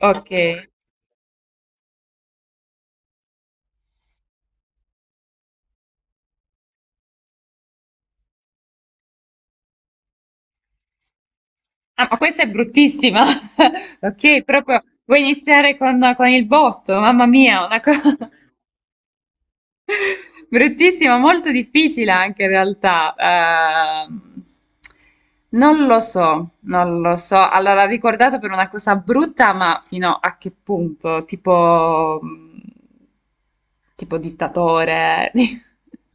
Ok. Ah, ma questa è bruttissima. Ok, proprio vuoi iniziare con il botto? Mamma mia, una cosa bruttissima, molto difficile anche in realtà. Non lo so, non lo so. Allora, ricordato per una cosa brutta, ma fino a che punto? Tipo, tipo dittatore.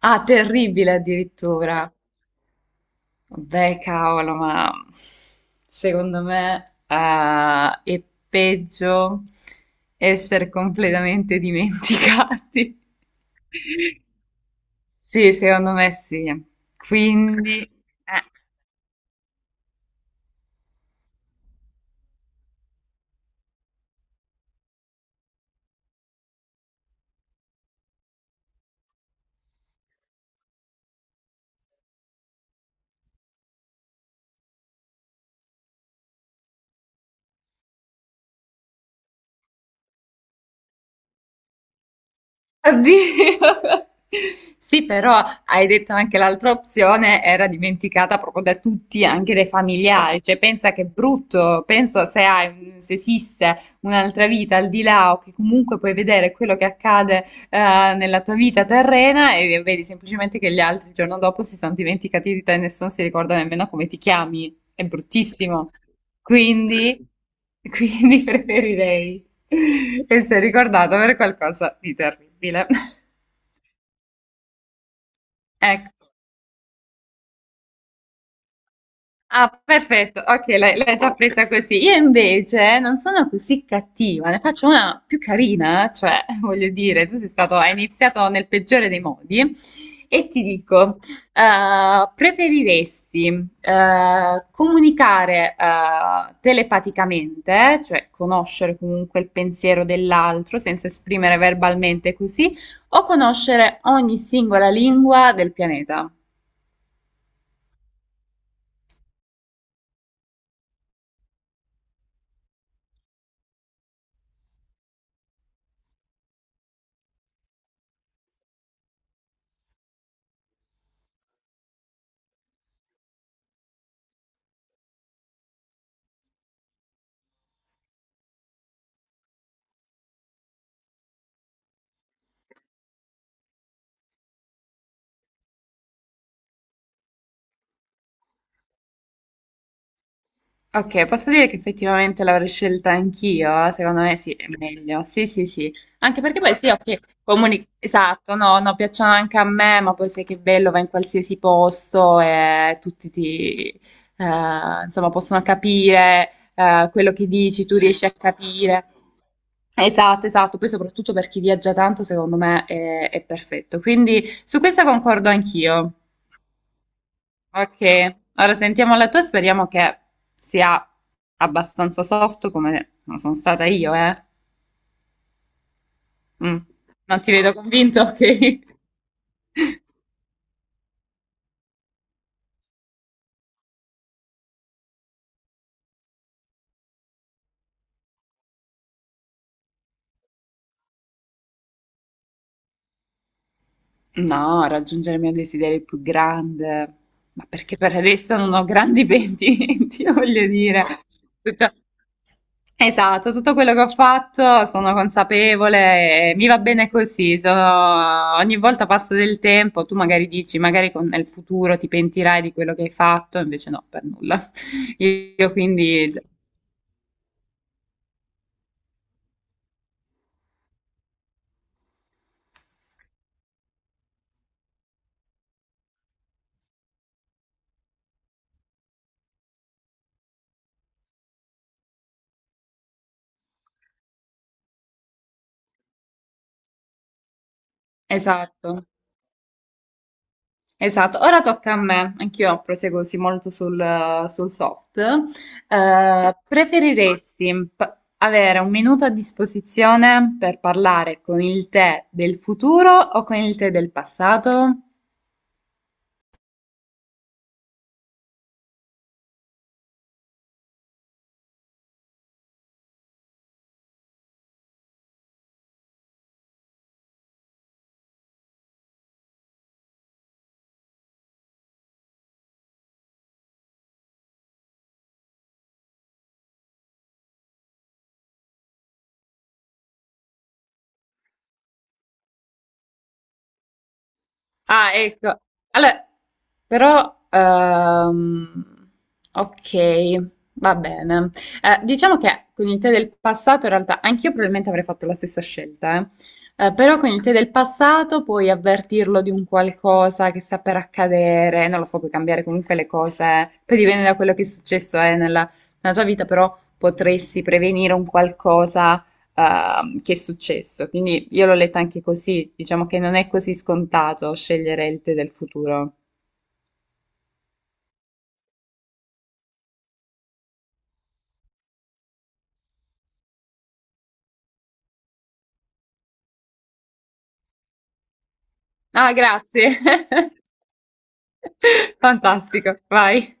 Ah, terribile addirittura. Beh, cavolo, ma secondo me è peggio essere completamente dimenticati. Sì, secondo me sì. Quindi, eh. Oddio. Sì, però hai detto anche l'altra opzione era dimenticata proprio da tutti, anche dai familiari. Cioè, pensa che è brutto, pensa se hai, se esiste un'altra vita al di là o che comunque puoi vedere quello che accade nella tua vita terrena e vedi semplicemente che gli altri il giorno dopo si sono dimenticati di te e nessuno si ricorda nemmeno come ti chiami. È bruttissimo. Quindi, quindi, preferirei. E sei ricordato per qualcosa di terribile. Ecco. Ah, perfetto, ok, l'hai già Ok. presa così. Io invece non sono così cattiva, ne faccio una più carina, cioè, voglio dire, tu sei stato, hai iniziato nel peggiore dei modi e ti dico, preferiresti comunicare telepaticamente, cioè conoscere comunque il pensiero dell'altro senza esprimere verbalmente così, o conoscere ogni singola lingua del pianeta? Ok, posso dire che effettivamente l'avrei scelta anch'io? Secondo me sì, è meglio. Sì, sì, sì. Anche perché poi sì, ok, comuni... Esatto, no, no, piacciono anche a me, ma poi sai che bello, va in qualsiasi posto e tutti ti... insomma, possono capire quello che dici, tu riesci a capire. Esatto, esatto, poi soprattutto per chi viaggia tanto, secondo me è perfetto. Quindi su questa concordo anch'io. Ok, ora sentiamo la tua, speriamo che sia abbastanza soft come non sono stata io, eh. Mm. Non ti vedo convinto, ok? No, raggiungere il mio desiderio più grande, ma perché per adesso non ho grandi pentimenti, voglio dire. Tutto- Esatto, tutto quello che ho fatto sono consapevole e mi va bene così. Sono- Ogni volta passa del tempo, tu magari dici, magari con- nel futuro ti pentirai di quello che hai fatto, invece no, per nulla. Io quindi, esatto, esatto. Ora tocca a me, anch'io proseguo così molto sul soft. Preferiresti p- avere un minuto a disposizione per parlare con il te del futuro o con il te del passato? Ah, ecco. Allora, però, ok, va bene. Diciamo che con il tè del passato, in realtà, anch'io probabilmente avrei fatto la stessa scelta, eh. Però con il tè del passato puoi avvertirlo di un qualcosa che sta per accadere, non lo so, puoi cambiare comunque le cose, poi dipende da quello che è successo, nella tua vita, però potresti prevenire un qualcosa che è successo. Quindi io l'ho letto anche così, diciamo che non è così scontato scegliere il tè del futuro. Ah, grazie. Fantastico, vai.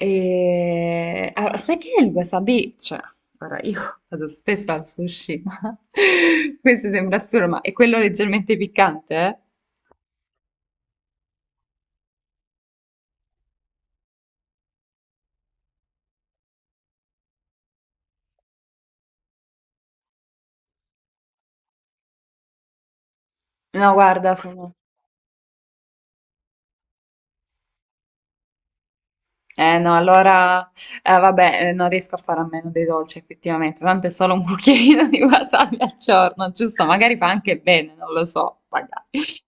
E... Allora, sai che il wasabi, cioè, ora io vado spesso al sushi, ma questo sembra assurdo, ma è quello leggermente piccante, eh? No, guarda, sono Eh no, allora, vabbè, non riesco a fare a meno dei dolci effettivamente, tanto è solo un cucchiaino di wasabi al giorno, giusto? Magari fa anche bene, non lo so, magari.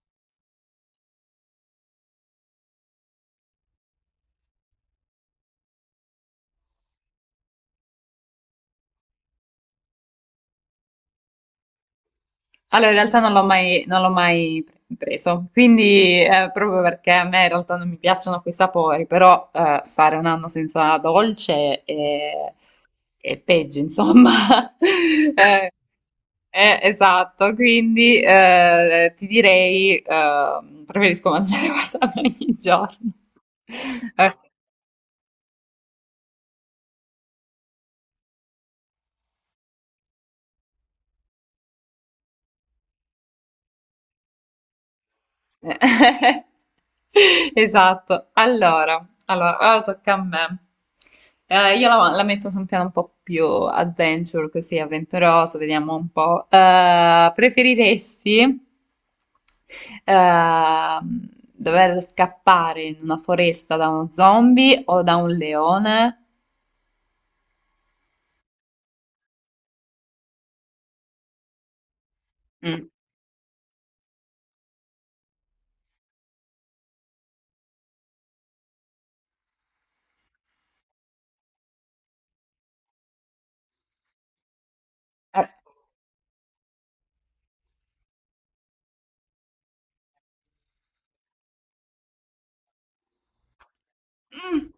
Allora, in realtà non l'ho mai, non l'ho mai pre- preso, quindi proprio perché a me in realtà non mi piacciono quei sapori, però stare un anno senza dolce è peggio, insomma. Eh, esatto, quindi ti direi, preferisco mangiare wasabi ogni giorno. Eh, esatto. Allora, allora, ora tocca a me. Io la metto su un piano un po' più adventure, così avventuroso, vediamo un po'. Preferiresti dover scappare in una foresta da uno zombie o da un leone? Mm. Eh, mm,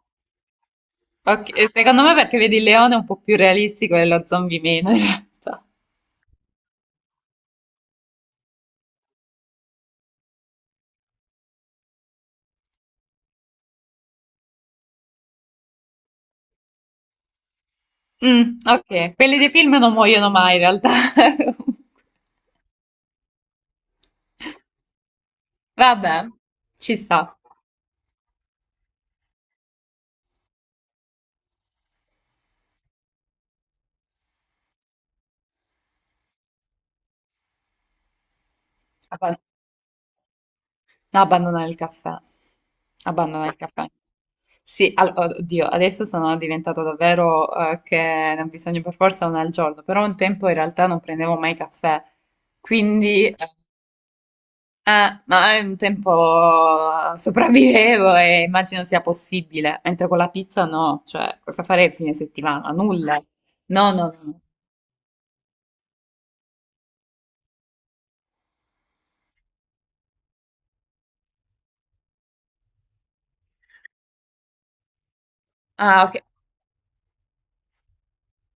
ok, secondo me perché vedi il leone è un po' più realistico e lo zombie meno in realtà. Mm, ok, quelli dei film non muoiono mai in realtà. Vabbè, ci sta. Abba- no, abbandonare il caffè. Abbandonare il caffè. Sì, al- oddio, adesso sono diventato davvero che ne ho bisogno per forza una al giorno, però un tempo in realtà non prendevo mai caffè, quindi ma è un tempo sopravvivevo e immagino sia possibile, mentre con la pizza no, cioè cosa farei il fine settimana? Nulla. No, no, no. Ah, ok.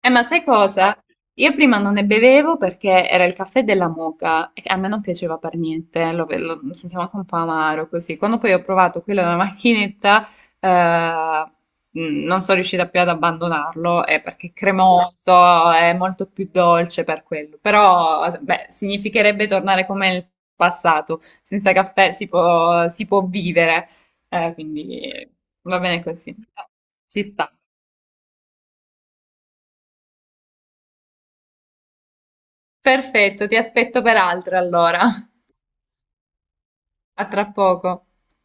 Ma sai cosa? Io prima non ne bevevo perché era il caffè della moka e a me non piaceva per niente, lo sentivo anche un po' amaro così. Quando poi ho provato quello della macchinetta, eh, non sono riuscita più ad abbandonarlo, perché è cremoso, è molto più dolce per quello. Però, beh, significherebbe tornare come nel passato, senza caffè si può vivere, quindi va bene così, ci sta. Perfetto, ti aspetto per altre allora. A tra poco.